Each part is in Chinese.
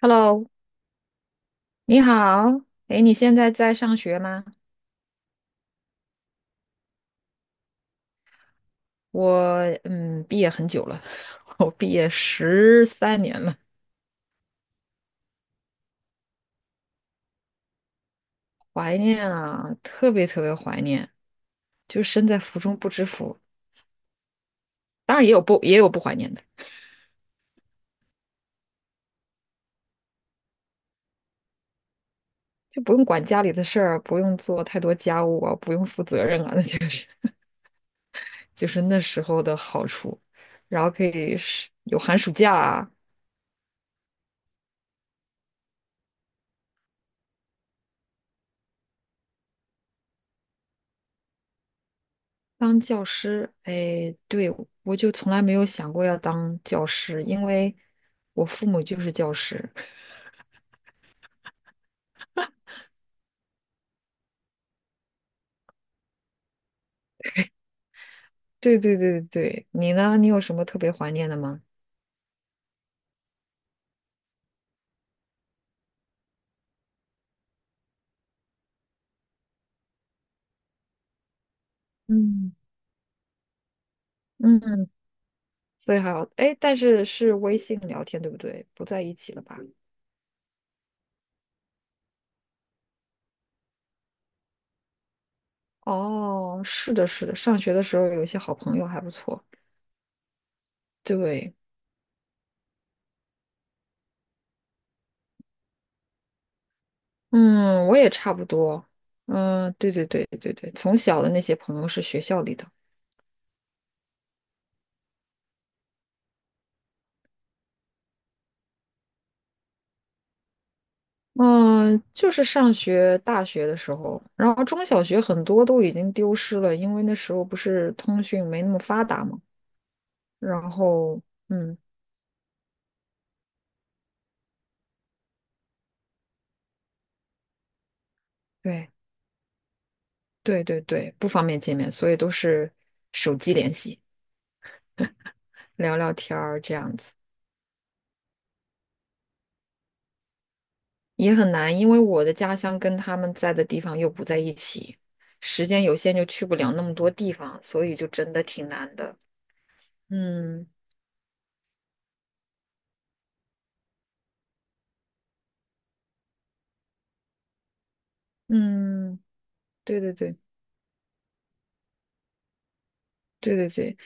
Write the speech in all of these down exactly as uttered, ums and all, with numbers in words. Hello，你好。哎，你现在在上学吗？我嗯，毕业很久了，我毕业十三年了，怀念啊，特别特别怀念。就身在福中不知福，当然也有不也有不怀念的，就不用管家里的事儿，不用做太多家务啊，不用负责任啊，那就是就是那时候的好处。然后可以是有寒暑假啊，当教师，哎，对，我就从来没有想过要当教师，因为我父母就是教师。对对对对，你呢？你有什么特别怀念的吗？嗯，嗯，所以还好，哎，但是是微信聊天，对不对？不在一起了吧？哦，是的，是的，上学的时候有一些好朋友还不错。对，嗯，我也差不多。嗯，对对对对对，从小的那些朋友是学校里的。嗯，就是上学大学的时候，然后中小学很多都已经丢失了，因为那时候不是通讯没那么发达嘛。然后，嗯，对对对对，不方便见面，所以都是手机联系，聊聊天儿这样子，也很难，因为我的家乡跟他们在的地方又不在一起，时间有限就去不了那么多地方，所以就真的挺难的。嗯嗯，对对对。对对对，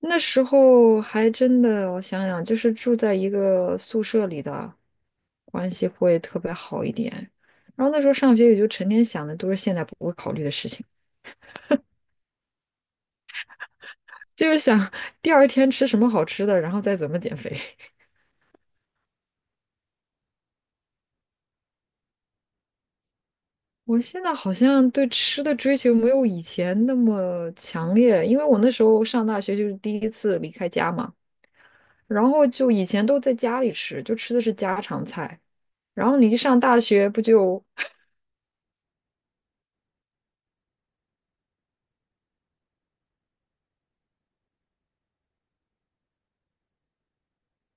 那时候还真的，我想想，就是住在一个宿舍里的，关系会特别好一点。然后那时候上学也就成天想的都是现在不会考虑的事情，就是想 第二天吃什么好吃的，然后再怎么减肥。我现在好像对吃的追求没有以前那么强烈，因为我那时候上大学就是第一次离开家嘛，然后就以前都在家里吃，就吃的是家常菜。然后你一上大学不就，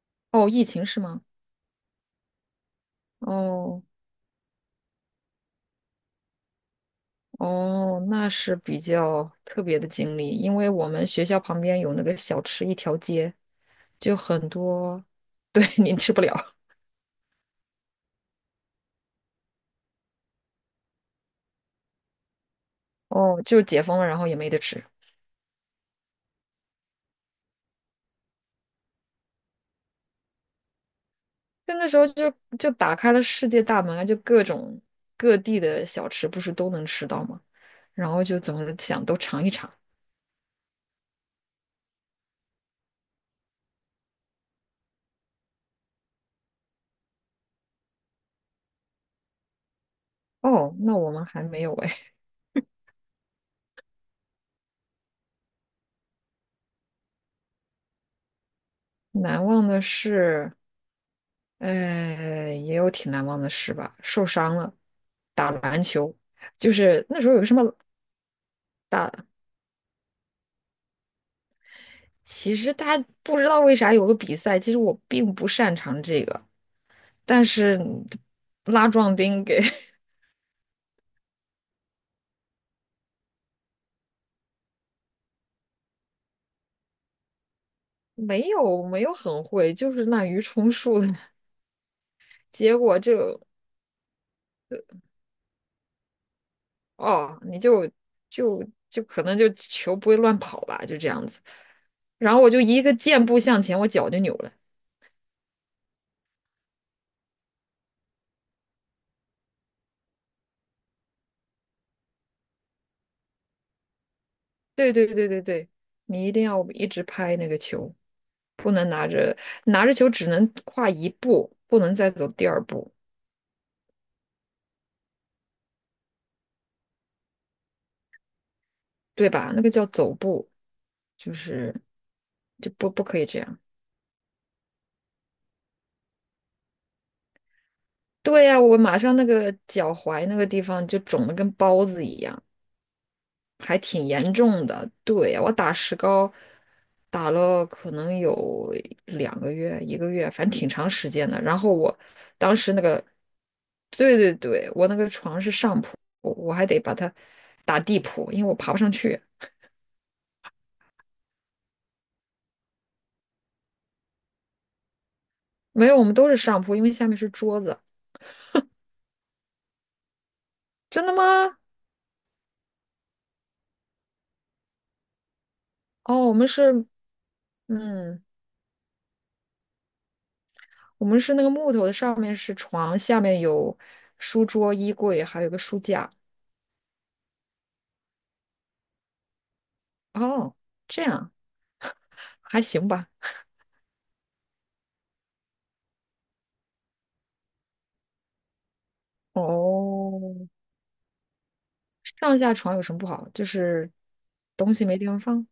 哦，疫情是吗？哦哦，那是比较特别的经历，因为我们学校旁边有那个小吃一条街，就很多，对，您吃不了。哦，就解封了，然后也没得吃。就那时候就就打开了世界大门啊，就各种各地的小吃不是都能吃到吗？然后就怎么想都尝一尝。哦，那我们还没有哎，难忘的事，呃，也有挺难忘的事吧。受伤了，打篮球，就是那时候有个什么打，其实他不知道为啥有个比赛，其实我并不擅长这个，但是拉壮丁给 没有没有很会，就是滥竽充数的，结果就哦，你就就就可能就球不会乱跑吧，就这样子。然后我就一个箭步向前，我脚就扭了。对对对对对，你一定要一直拍那个球，不能拿着拿着球只能跨一步，不能再走第二步。对吧？那个叫走步，就是就不不可以这样。对呀，我马上那个脚踝那个地方就肿得跟包子一样，还挺严重的。对呀，我打石膏打了可能有两个月、一个月，反正挺长时间的。然后我当时那个，对对对，我那个床是上铺，我我还得把它打地铺，因为我爬不上去。没有，我们都是上铺，因为下面是桌子。真的吗？哦，我们是，嗯，我们是那个木头的，上面是床，下面有书桌、衣柜，还有一个书架。哦，这样还行吧。哦，上下床有什么不好？就是东西没地方放。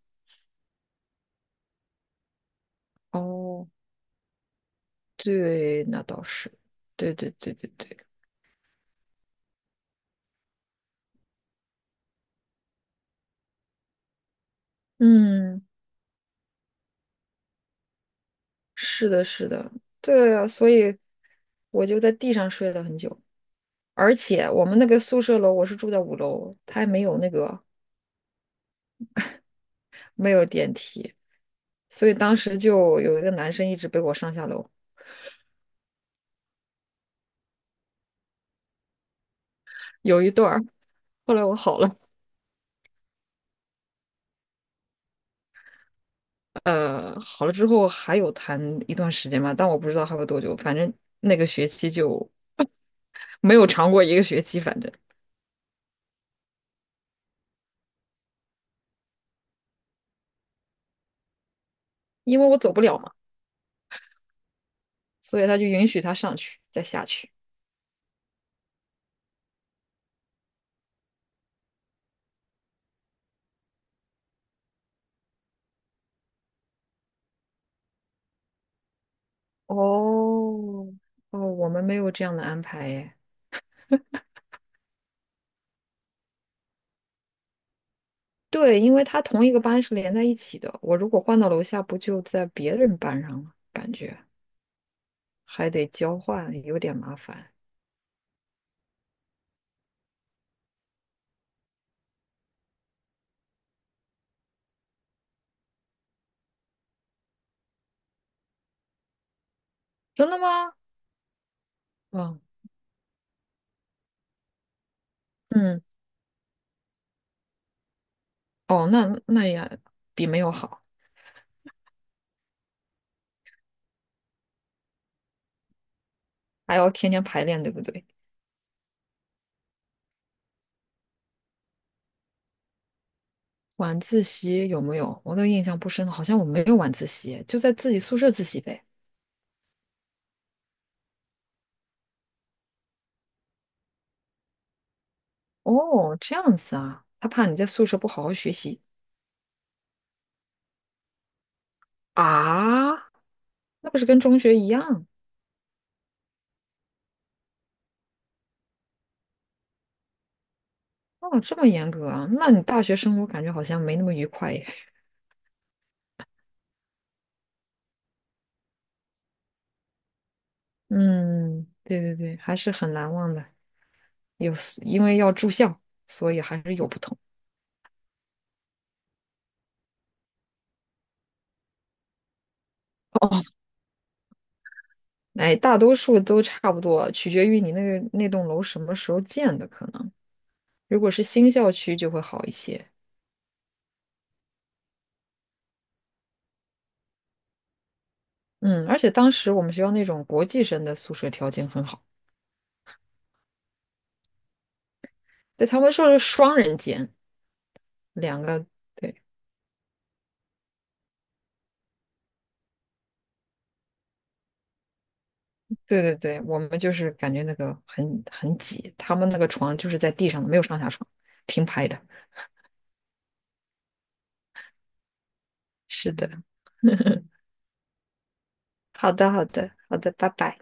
哦，对，那倒是。对对对对对，嗯，是的，是的，对啊，所以我就在地上睡了很久。而且我们那个宿舍楼，我是住在五楼，它还没有那个没有电梯。所以当时就有一个男生一直背我上下楼，有一段儿。后来我好了，呃，好了之后还有谈一段时间嘛，但我不知道还有多久，反正那个学期就没有长过一个学期，反正因为我走不了嘛，所以他就允许他上去再下去。哦，哦，我们没有这样的安排耶。对，因为他同一个班是连在一起的，我如果换到楼下，不就在别人班上了？感觉还得交换，有点麻烦。真的吗？嗯，嗯，哦，那那也比没有好，还要天天排练，对不对？晚自习有没有？我都印象不深了好像我没有晚自习，就在自己宿舍自习呗。哦，这样子啊，他怕你在宿舍不好好学习啊？那不是跟中学一样？哦，这么严格啊？那你大学生活感觉好像没那么愉快耶。嗯，对对对，还是很难忘的。有，因为要住校，所以还是有不同。哦，哎，大多数都差不多，取决于你那个那栋楼什么时候建的，可能如果是新校区就会好一些。嗯，而且当时我们学校那种国际生的宿舍条件很好，对，他们说是双人间，两个，对，对对对，我们就是感觉那个很很挤，他们那个床就是在地上的，没有上下床，平排的。是的，好的，好的，好的，拜拜。